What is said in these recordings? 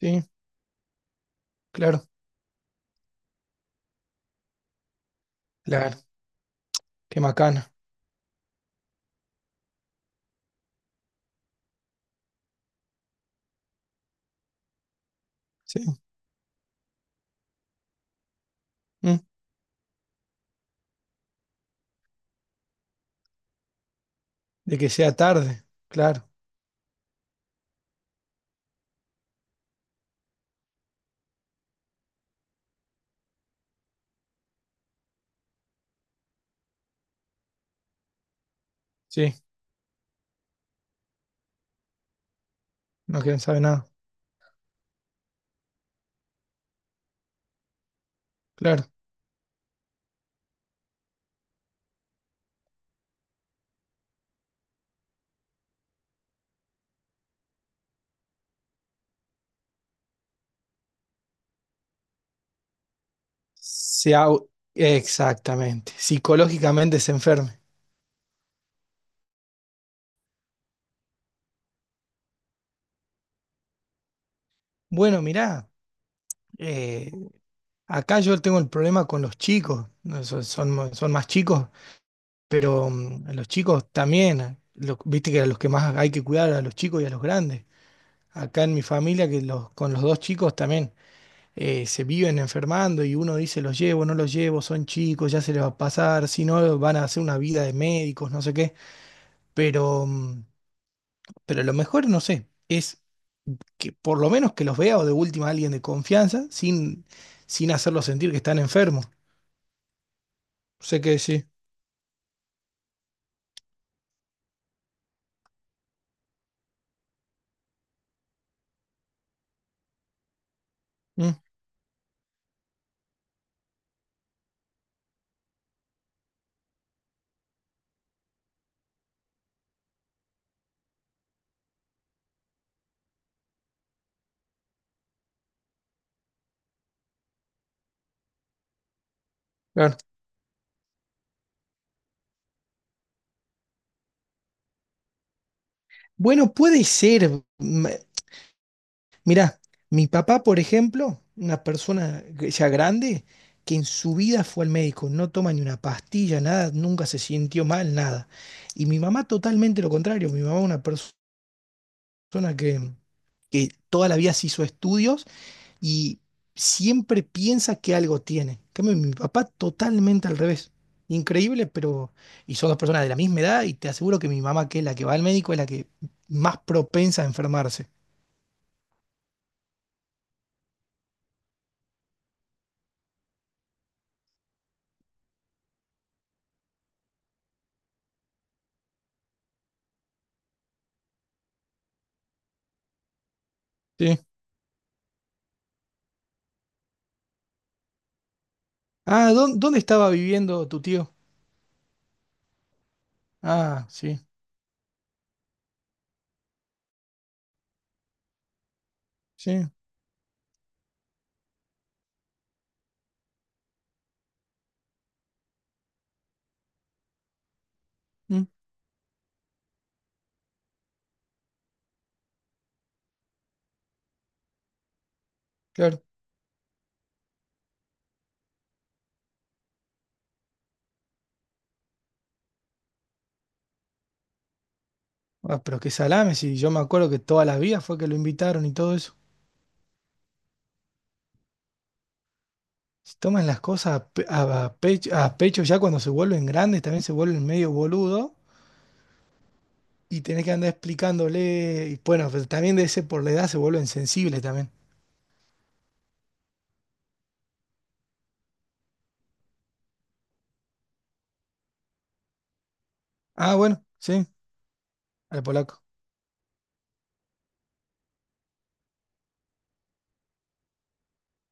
Sí, claro, claro, qué macana, sí, mm, de que sea tarde, claro, sí, no quieren saber nada, claro, se au- exactamente, psicológicamente se enferme. Bueno, mirá, eh, acá yo tengo el problema con los chicos, no, son, son más chicos, pero a los chicos también, viste que a los que más hay que cuidar, a los chicos y a los grandes. Acá en mi familia, que los, con los dos chicos también. Se viven enfermando y uno dice los llevo, no los llevo, son chicos, ya se les va a pasar, si no van a hacer una vida de médicos, no sé qué, pero, mm, pero lo mejor, no sé, es que por lo menos que los vea o de última alguien de confianza sin, sin hacerlos sentir que están enfermos. Sé que sí. Mm, claro. Bueno, puede ser. Mirá, mi papá, por ejemplo, una persona ya grande, que en su vida fue al médico, no toma ni una pastilla, nada, nunca se sintió mal, nada. Y mi mamá totalmente lo contrario, mi mamá una persona que toda la vida se hizo estudios y siempre piensa que algo tiene. En cambio, mi papá totalmente al revés. Increíble, pero... Y son dos personas de la misma edad y te aseguro que mi mamá, que es la que va al médico, es la que más propensa a enfermarse. Ah, ¿dónde estaba viviendo tu tío? Ah, sí, sí, mm, claro. Ah, pero qué salame, si yo me acuerdo que todas las vidas fue que lo invitaron y todo eso. Si toman las cosas a, a pecho ya cuando se vuelven grandes, también se vuelven medio boludo y tenés que andar explicándole. Y bueno, pero también de ese por la edad se vuelven sensibles también. Ah, bueno, sí, al polaco,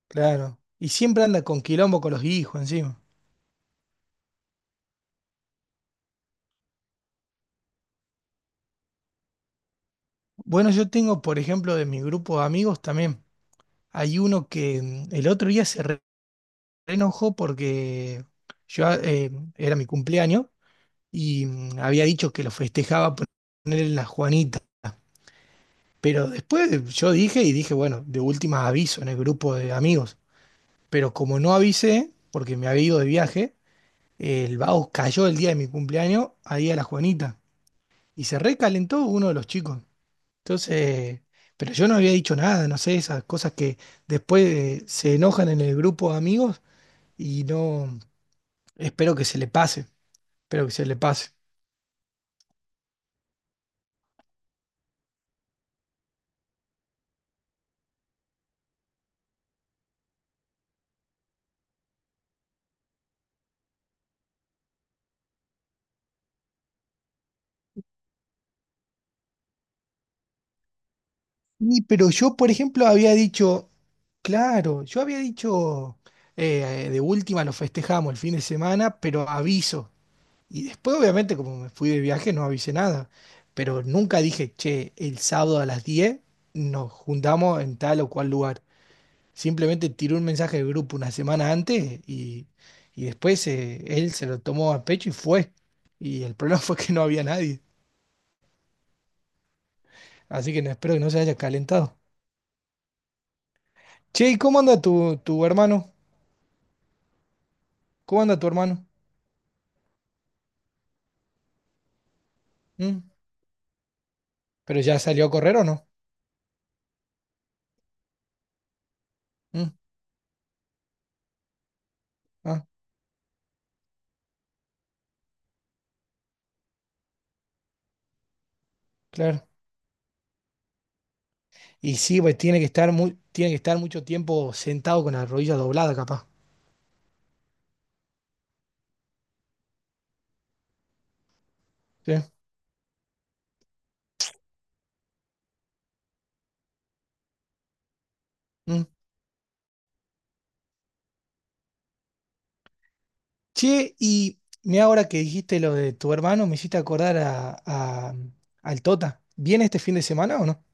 claro. Y siempre anda con quilombo con los hijos encima. Bueno, yo tengo, por ejemplo, de mi grupo de amigos también. Hay uno que el otro día se enojó porque yo era mi cumpleaños y había dicho que lo festejaba ponerle la Juanita. Pero después yo dije, bueno, de última aviso en el grupo de amigos. Pero como no avisé, porque me había ido de viaje, el vago cayó el día de mi cumpleaños ahí a la Juanita. Y se recalentó uno de los chicos. Entonces, pero yo no había dicho nada, no sé, esas cosas que después se enojan en el grupo de amigos y no, espero que se le pase. Espero que se le pase. Y, pero yo, por ejemplo, había dicho, claro, yo había dicho, de última lo festejamos el fin de semana, pero aviso. Y después, obviamente, como me fui de viaje, no avisé nada. Pero nunca dije, che, el sábado a las 10 nos juntamos en tal o cual lugar. Simplemente tiré un mensaje de grupo una semana antes y después él se lo tomó a pecho y fue. Y el problema fue que no había nadie. Así que no, espero que no se haya calentado. Che, ¿y cómo anda tu hermano? ¿Cómo anda tu hermano? ¿Mm? ¿Pero ya salió a correr o no? ¿Mm? Ah, claro. Y sí, pues tiene que tiene que estar mucho tiempo sentado con la rodilla doblada, capaz. ¿Sí? ¿Mm? Che, y mira ahora que dijiste lo de tu hermano, me hiciste acordar al Tota. ¿Viene este fin de semana o no?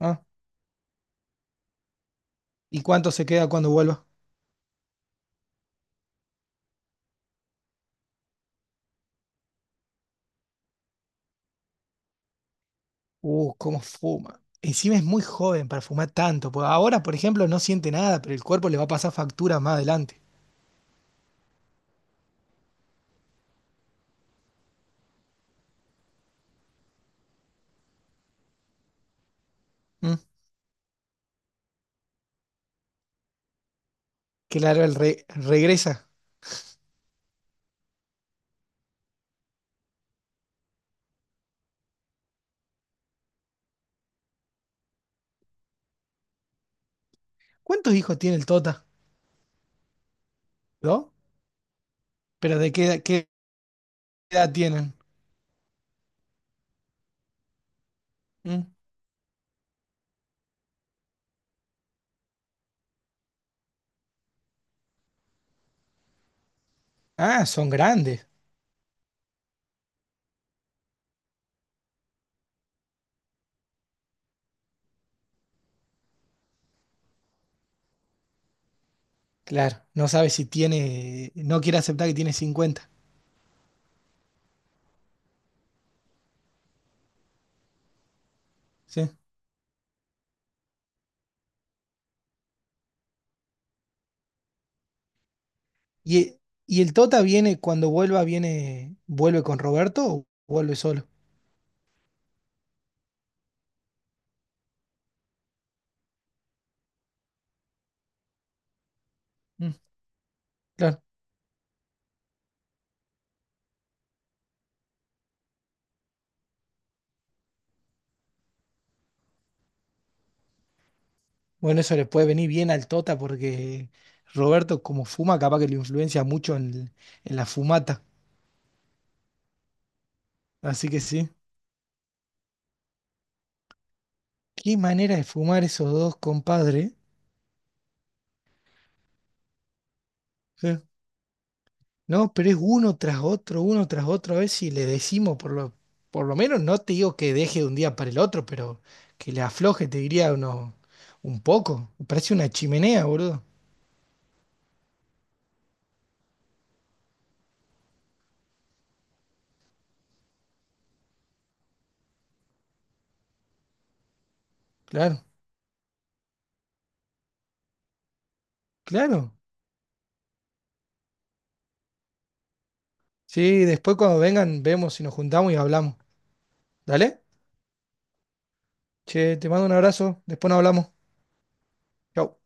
Ah, ¿y cuánto se queda cuando vuelva? Cómo fuma. Encima es muy joven para fumar tanto. Pues ahora, por ejemplo, no siente nada, pero el cuerpo le va a pasar factura más adelante. ¿Mm? Claro, regresa. ¿Cuántos hijos tiene el Tota? ¿Dos? Qué edad tienen? Mm. Ah, son grandes. Claro, no sabe si tiene, no quiere aceptar que tiene 50. ¿Sí? ¿Y, y el Tota viene, cuando vuelva, viene, vuelve con Roberto o vuelve solo? Mm, claro. Bueno, eso le puede venir bien al Tota porque Roberto, como fuma, capaz que lo influencia mucho en la fumata. Así que sí. Qué manera de fumar esos dos, compadre. ¿Eh? Sí. No, pero es uno tras otro, uno tras otro. A ver si le decimos, por lo menos no te digo que deje de un día para el otro, pero que le afloje, te diría uno, un poco. Parece una chimenea, boludo. Claro, claro. Sí, después cuando vengan, vemos si nos juntamos y hablamos. ¿Dale? Che, te mando un abrazo, después nos hablamos. Chau.